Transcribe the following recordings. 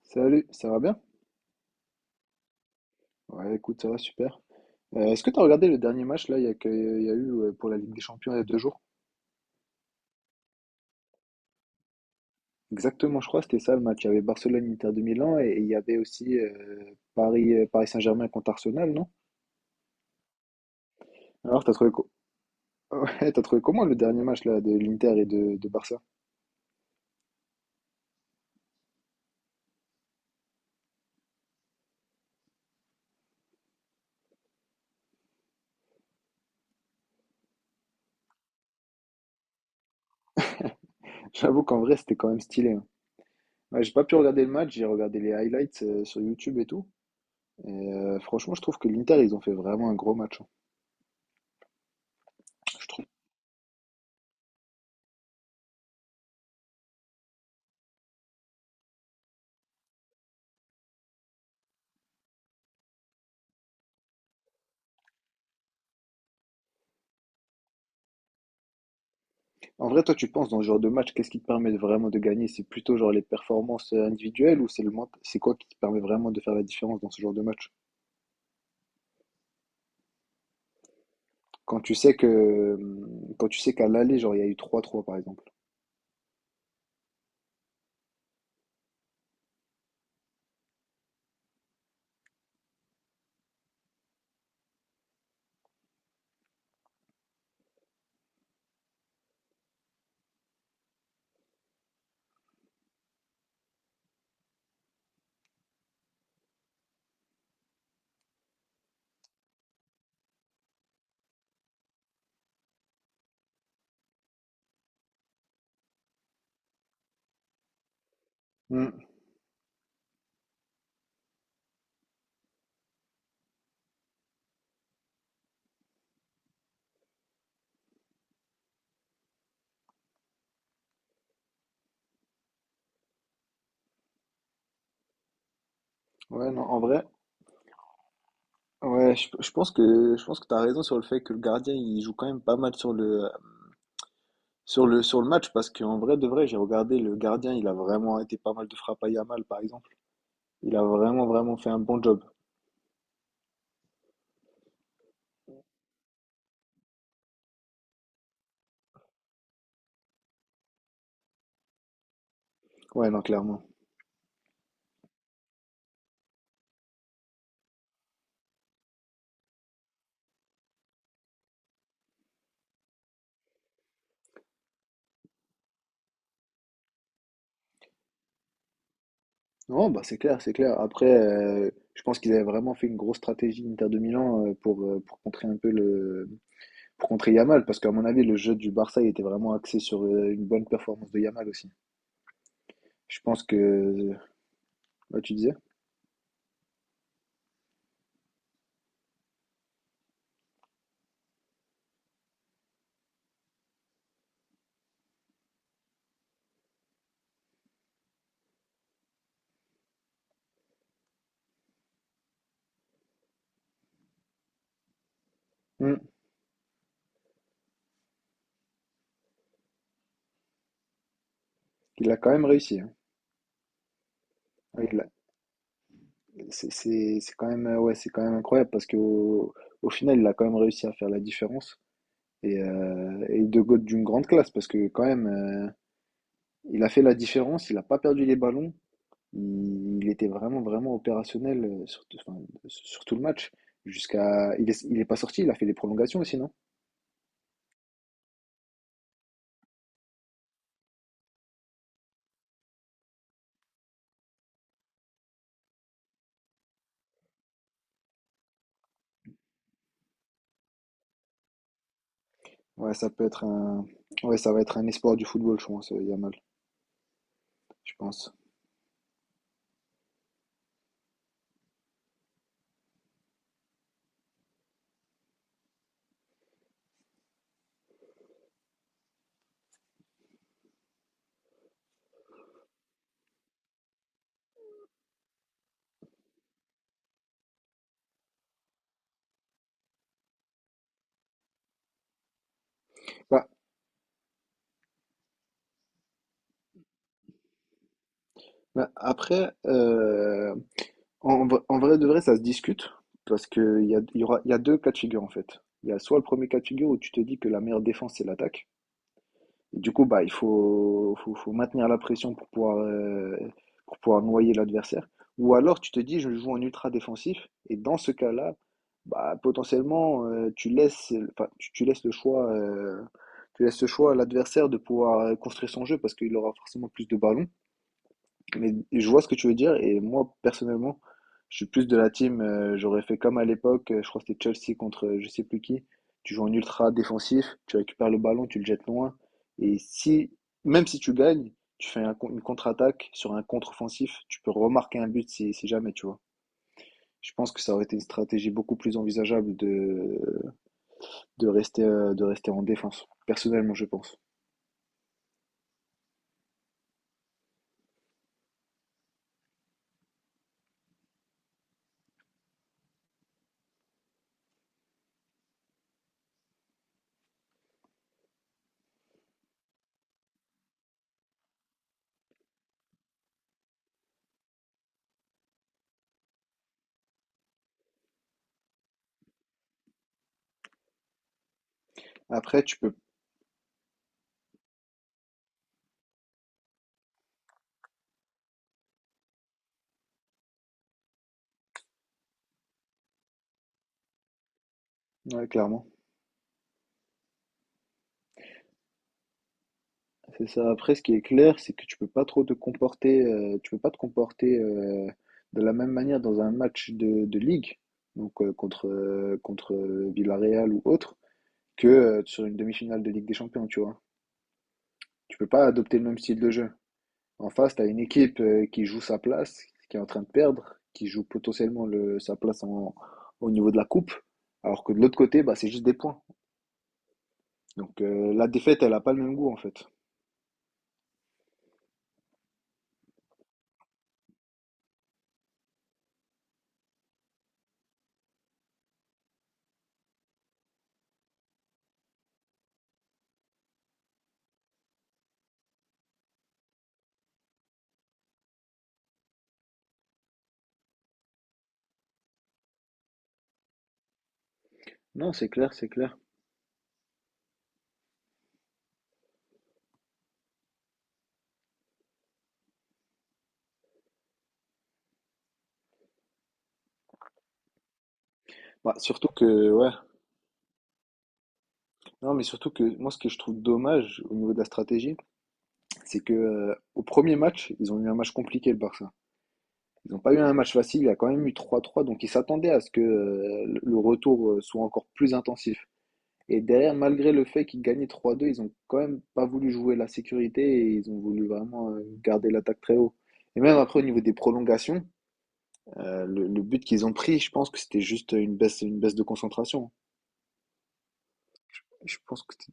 Salut, ça va bien? Ouais, écoute, ça va super. Est-ce que tu as regardé le dernier match là, il y a eu pour la Ligue des Champions il y a deux jours? Exactement, je crois, c'était ça le match. Il y avait Barcelone-Inter de Milan et il y avait aussi Paris, Paris Saint-Germain contre Arsenal, non? Alors, t'as trouvé, co- ouais, t'as trouvé comment le dernier match là, de l'Inter et de Barça? J'avoue qu'en vrai, c'était quand même stylé, hein. Ouais, j'ai pas pu regarder le match, j'ai regardé les highlights sur YouTube et tout. Et franchement, je trouve que l'Inter, ils ont fait vraiment un gros match, hein. Je trouve. En vrai, toi, tu penses dans ce genre de match, qu'est-ce qui te permet de vraiment de gagner? C'est plutôt genre les performances individuelles ou c'est quoi qui te permet vraiment de faire la différence dans ce genre de match? Quand tu sais que quand tu sais qu'à l'aller, genre il y a eu trois trois par exemple. Hmm. Ouais, non, en vrai, ouais, je pense que t'as raison sur le fait que le gardien, il joue quand même pas mal sur sur le match, parce qu'en vrai de vrai, j'ai regardé le gardien, il a vraiment été pas mal de frappes à Yamal, par exemple. Il a vraiment, vraiment fait un bon job. Ouais, non, clairement. Non, bah c'est clair, c'est clair. Après, je pense qu'ils avaient vraiment fait une grosse stratégie Inter de Milan pour contrer un peu pour contrer Yamal, parce qu'à mon avis, le jeu du Barça, il était vraiment axé sur une bonne performance de Yamal aussi. Je pense que, bah, tu disais? Hmm. Il a quand même réussi, hein. Ouais, il l'a- c'est quand même, ouais, c'est quand même incroyable parce qu'au au final, il a quand même réussi à faire la différence. Et, d'une grande classe parce que quand même, il a fait la différence, il n'a pas perdu les ballons. Il était vraiment, vraiment opérationnel enfin, sur tout le match. Il est pas sorti, il a fait les prolongations aussi, non? Ouais, ça peut être un, ouais, ça va être un espoir du football, je pense, Yamal, je pense. Bah, après, en vrai de vrai, ça se discute parce que il y a deux cas de figure en fait. Il y a soit le premier cas de figure où tu te dis que la meilleure défense c'est l'attaque. Et du coup, bah, faut maintenir la pression pour pouvoir noyer l'adversaire. Ou alors tu te dis je joue en ultra défensif et dans ce cas-là, bah, potentiellement tu laisses, enfin, tu laisses le choix, tu laisses le choix à l'adversaire de pouvoir construire son jeu parce qu'il aura forcément plus de ballons. Mais je vois ce que tu veux dire et moi personnellement, je suis plus de la team. J'aurais fait comme à l'époque, je crois que c'était Chelsea contre je sais plus qui. Tu joues en ultra défensif, tu récupères le ballon, tu le jettes loin. Et si, même si tu gagnes, tu fais une contre-attaque sur un contre-offensif, tu peux remarquer un but si, si jamais, tu vois. Je pense que ça aurait été une stratégie beaucoup plus envisageable de rester en défense. Personnellement, je pense. Après, tu peux, ouais, clairement. C'est ça. Après, ce qui est clair, c'est que tu peux pas trop te comporter, tu peux pas te comporter de la même manière dans un match de ligue, donc contre contre Villarreal ou autre, que sur une demi-finale de Ligue des Champions, tu vois. Tu peux pas adopter le même style de jeu. En face, tu as une équipe qui joue sa place, qui est en train de perdre, qui joue potentiellement le, sa place en- au niveau de la coupe, alors que de l'autre côté, bah, c'est juste des points. Donc la défaite, elle a pas le même goût en fait. Non, c'est clair, c'est clair. Bah, surtout que, ouais. Non, mais surtout que moi, ce que je trouve dommage au niveau de la stratégie, c'est que au premier match, ils ont eu un match compliqué, le Barça. Ils n'ont pas eu un match facile, il y a quand même eu trois trois donc ils s'attendaient à ce que le retour soit encore plus intensif. Et derrière, malgré le fait qu'ils gagnaient trois deux ils ont quand même pas voulu jouer la sécurité et ils ont voulu vraiment garder l'attaque très haut. Et même après, au niveau des prolongations, le but qu'ils ont pris, je pense que c'était juste une baisse de concentration. Je pense que c'était-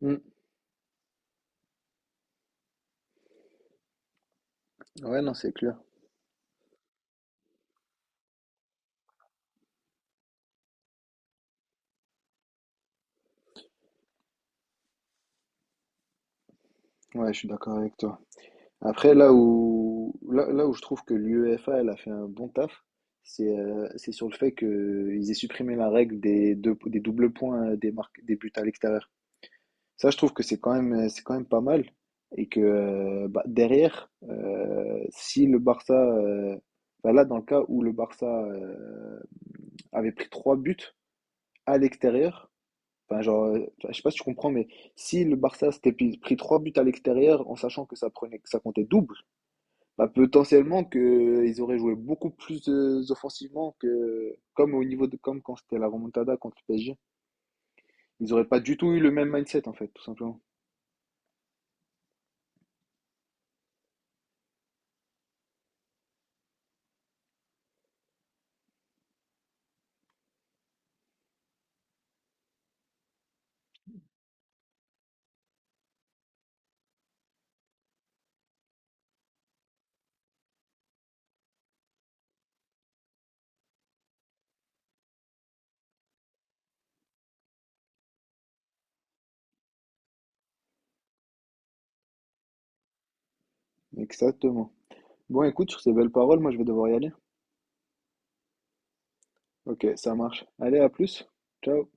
hmm. Ouais, non, c'est clair. Ouais, je suis d'accord avec toi. Après, là où je trouve que l'UEFA, elle a fait un bon taf, c'est sur le fait qu'ils aient supprimé la règle des doubles points des buts à l'extérieur. Ça, je trouve que c'est quand même pas mal. Et que bah, derrière, si le Barça, bah là, dans le cas où le Barça avait pris trois buts à l'extérieur, enfin, genre, je sais pas si tu comprends, mais si le Barça pris trois buts à l'extérieur en sachant que que ça comptait double, bah, potentiellement que ils auraient joué beaucoup plus offensivement que comme au niveau de comme quand c'était la remontada contre le PSG. Ils auraient pas du tout eu le même mindset en fait, tout simplement. Exactement. Bon, écoute, sur ces belles paroles, moi je vais devoir y aller. Ok, ça marche. Allez, à plus. Ciao.